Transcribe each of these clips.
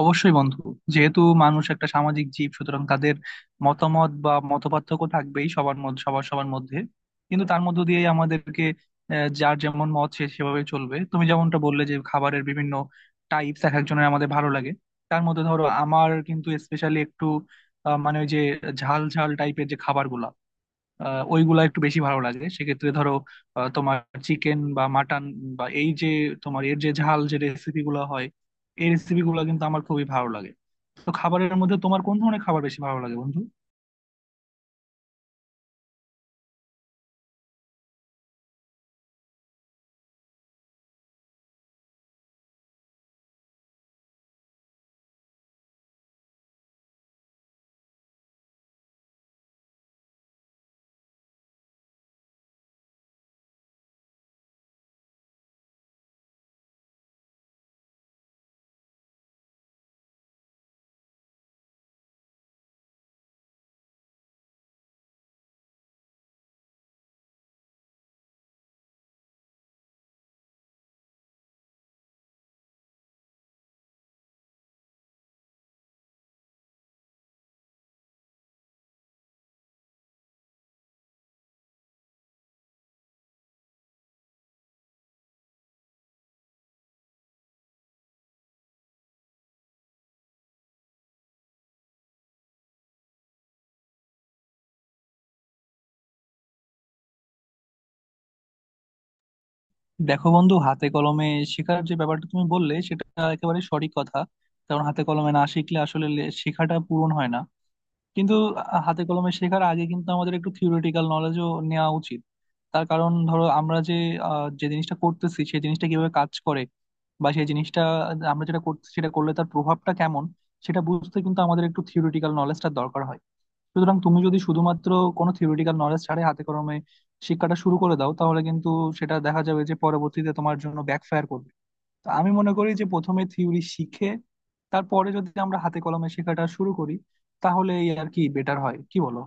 অবশ্যই বন্ধু। যেহেতু মানুষ একটা সামাজিক জীব, সুতরাং তাদের মতামত বা মতপার্থক্য থাকবেই সবার মধ্যে, সবার সবার মধ্যে। কিন্তু তার মধ্য দিয়েই আমাদেরকে যার যেমন মত সে সেভাবে চলবে। তুমি যেমনটা বললে যে খাবারের বিভিন্ন টাইপস এক একজনের আমাদের ভালো লাগে। তার মধ্যে ধরো আমার কিন্তু স্পেশালি একটু মানে ওই যে ঝাল ঝাল টাইপের যে খাবারগুলা, ওইগুলা একটু বেশি ভালো লাগে। সেক্ষেত্রে ধরো তোমার চিকেন বা মাটন, বা এই যে তোমার এর যে ঝাল যে রেসিপি গুলো হয়, এই রেসিপি গুলো কিন্তু আমার খুবই ভালো লাগে। তো খাবারের মধ্যে তোমার কোন ধরনের খাবার বেশি ভালো লাগে বন্ধু? দেখো বন্ধু, হাতে কলমে শেখার যে ব্যাপারটা তুমি বললে সেটা একেবারে সঠিক কথা। কারণ হাতে কলমে না শিখলে আসলে শেখাটা পূরণ হয় না। কিন্তু হাতে কলমে শেখার আগে কিন্তু আমাদের একটু থিওরিটিক্যাল নলেজও নেওয়া উচিত। তার কারণ ধরো আমরা যে যে জিনিসটা করতেছি সেই জিনিসটা কিভাবে কাজ করে, বা সেই জিনিসটা আমরা যেটা করছি সেটা করলে তার প্রভাবটা কেমন, সেটা বুঝতে কিন্তু আমাদের একটু থিওরিটিক্যাল নলেজটা দরকার হয়। সুতরাং তুমি যদি শুধুমাত্র কোনো থিওরিটিক্যাল নলেজ ছাড়াই হাতে কলমে শিক্ষাটা শুরু করে দাও, তাহলে কিন্তু সেটা দেখা যাবে যে পরবর্তীতে তোমার জন্য ব্যাকফায়ার করবে। তো আমি মনে করি যে প্রথমে থিওরি শিখে তারপরে যদি আমরা হাতে কলমে শেখাটা শুরু করি তাহলে এই আর কি বেটার হয়, কি বলো?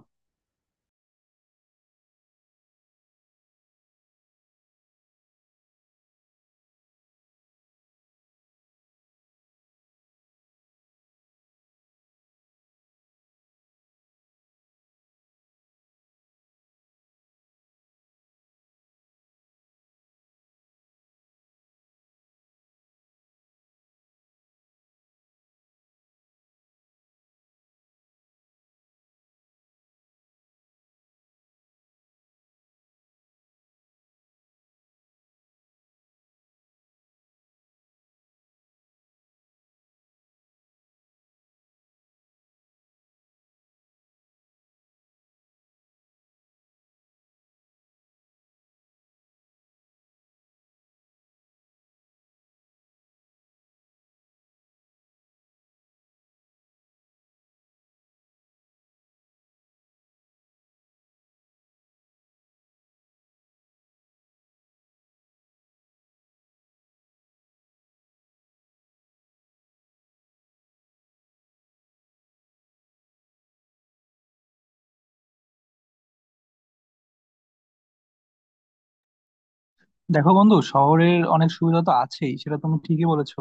দেখো বন্ধু, শহরের অনেক সুবিধা তো আছেই, সেটা তুমি ঠিকই বলেছো।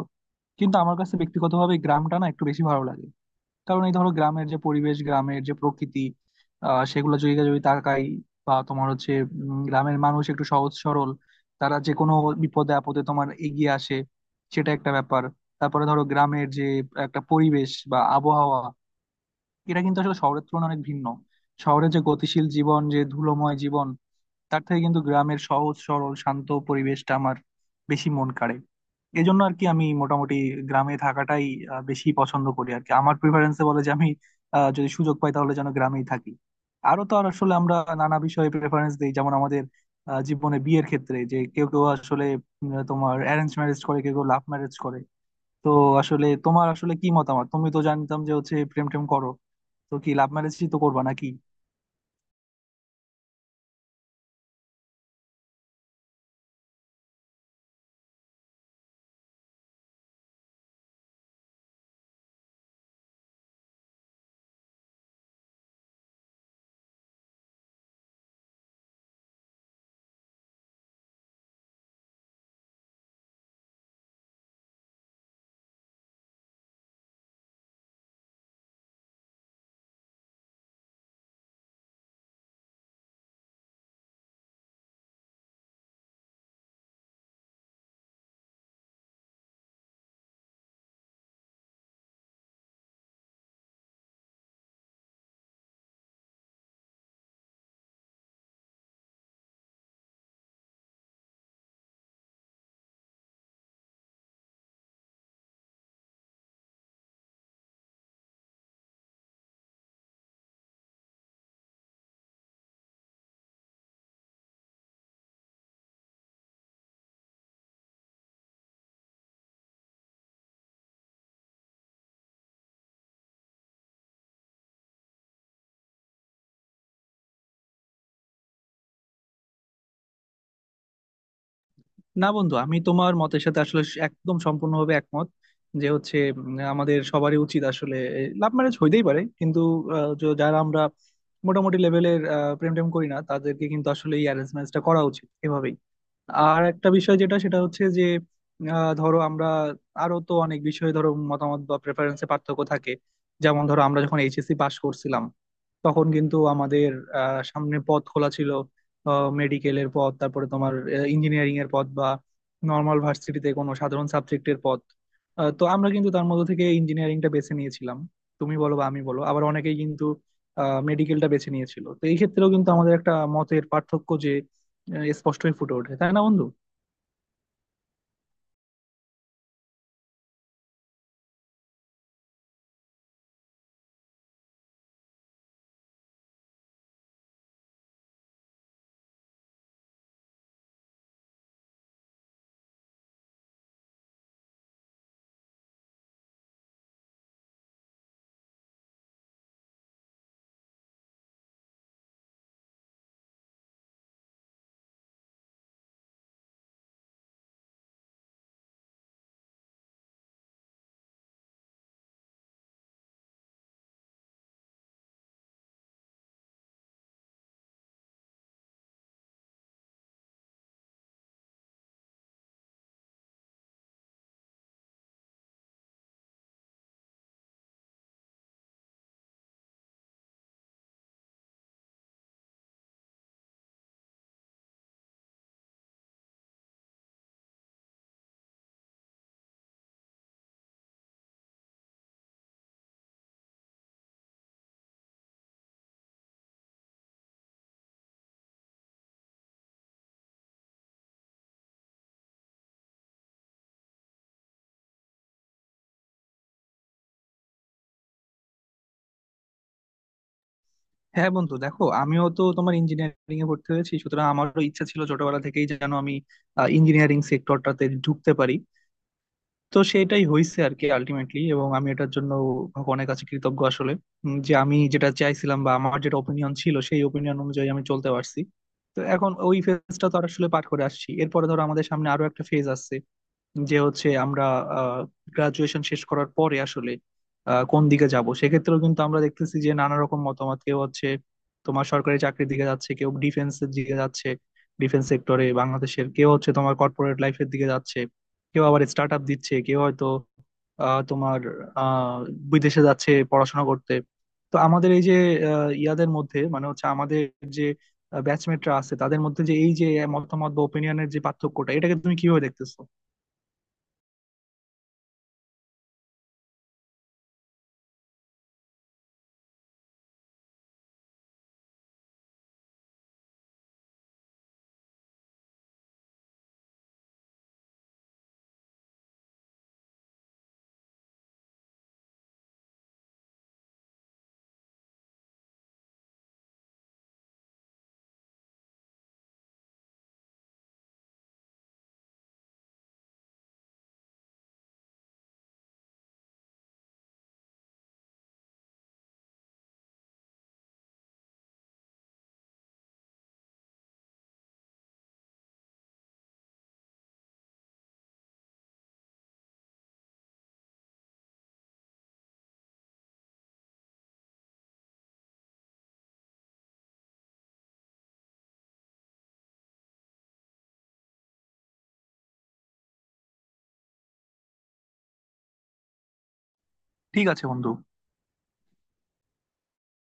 কিন্তু আমার কাছে ব্যক্তিগতভাবে গ্রামটা না একটু বেশি ভালো লাগে। কারণ এই ধরো গ্রামের যে পরিবেশ, গ্রামের যে প্রকৃতি, সেগুলো যদি যদি তাকাই। বা তোমার হচ্ছে গ্রামের মানুষ একটু সহজ সরল। তারা যে কোনো বিপদে আপদে তোমার এগিয়ে আসে, সেটা একটা ব্যাপার। তারপরে ধরো গ্রামের যে একটা পরিবেশ বা আবহাওয়া, এটা কিন্তু আসলে শহরের তুলনায় অনেক ভিন্ন। শহরে যে গতিশীল জীবন, যে ধুলোময় জীবন, তার থেকে কিন্তু গ্রামের সহজ সরল শান্ত পরিবেশটা আমার বেশি মন কাড়ে। এই জন্য আর কি আমি মোটামুটি গ্রামে থাকাটাই বেশি পছন্দ করি আর কি। আমার প্রিফারেন্সে বলে যে আমি যদি সুযোগ পাই তাহলে যেন গ্রামেই থাকি। আরো তো আর আসলে আমরা নানা বিষয়ে প্রেফারেন্স দিই, যেমন আমাদের জীবনে বিয়ের ক্ষেত্রে যে কেউ কেউ আসলে তোমার অ্যারেঞ্জ ম্যারেজ করে, কেউ কেউ লাভ ম্যারেজ করে। তো আসলে তোমার আসলে কি মতামত? তুমি তো জানতাম যে হচ্ছে প্রেম টেম করো, তো কি লাভ ম্যারেজই তো করবা নাকি? না বন্ধু, আমি তোমার মতের সাথে আসলে একদম সম্পূর্ণভাবে একমত। যে হচ্ছে আমাদের সবারই উচিত আসলে, লাভ ম্যারেজ হইতেই পারে, কিন্তু যারা আমরা মোটামুটি লেভেলের প্রেম টেম করি না তাদেরকে কিন্তু আসলে এই অ্যারেঞ্জ ম্যারেজটা করা উচিত এভাবেই। আর একটা বিষয় যেটা সেটা হচ্ছে যে ধরো আমরা আরো তো অনেক বিষয়ে ধরো মতামত বা প্রেফারেন্সে পার্থক্য থাকে। যেমন ধরো আমরা যখন এইচএসসি পাশ করছিলাম, তখন কিন্তু আমাদের সামনে পথ খোলা ছিল, মেডিকেলের পথ, তারপরে তোমার ইঞ্জিনিয়ারিং এর পথ, বা নর্মাল ভার্সিটিতে কোনো সাধারণ সাবজেক্টের পথ। তো আমরা কিন্তু তার মধ্যে থেকে ইঞ্জিনিয়ারিংটা বেছে নিয়েছিলাম, তুমি বলো বা আমি বলো। আবার অনেকেই কিন্তু মেডিকেলটা বেছে নিয়েছিল। তো এই ক্ষেত্রেও কিন্তু আমাদের একটা মতের পার্থক্য যে স্পষ্টই ফুটে ওঠে, তাই না বন্ধু? হ্যাঁ বন্ধু, দেখো আমিও তো তোমার ইঞ্জিনিয়ারিং এ ভর্তি হয়েছি, সুতরাং আমারও ইচ্ছা ছিল ছোটবেলা থেকেই যেন আমি ইঞ্জিনিয়ারিং সেক্টরটাতে ঢুকতে পারি। তো সেটাই হয়েছে আর কি আলটিমেটলি, এবং আমি এটার জন্য ভগবানের কাছে কৃতজ্ঞ আসলে। যে আমি যেটা চাইছিলাম বা আমার যেটা ওপিনিয়ন ছিল সেই ওপিনিয়ন অনুযায়ী আমি চলতে পারছি। তো এখন ওই ফেজটা তো আর আসলে পার করে আসছি। এরপরে ধরো আমাদের সামনে আরো একটা ফেজ আসছে, যে হচ্ছে আমরা গ্রাজুয়েশন শেষ করার পরে আসলে কোন দিকে যাব। সেক্ষেত্রেও কিন্তু আমরা দেখতেছি যে নানা রকম মতামত। কেউ হচ্ছে তোমার সরকারি চাকরির দিকে যাচ্ছে, কেউ ডিফেন্সের দিকে যাচ্ছে, ডিফেন্স সেক্টরে বাংলাদেশের, কেউ হচ্ছে তোমার কর্পোরেট লাইফের দিকে যাচ্ছে, কেউ আবার স্টার্ট আপ দিচ্ছে, কেউ হয়তো তোমার আহ, বিদেশে যাচ্ছে পড়াশোনা করতে। তো আমাদের এই যে ইয়াদের মধ্যে মানে হচ্ছে আমাদের যে ব্যাচমেটরা আছে তাদের মধ্যে যে এই যে মতামত বা ওপিনিয়নের যে পার্থক্যটা, এটাকে তুমি কিভাবে দেখতেছো? ঠিক আছে বন্ধু।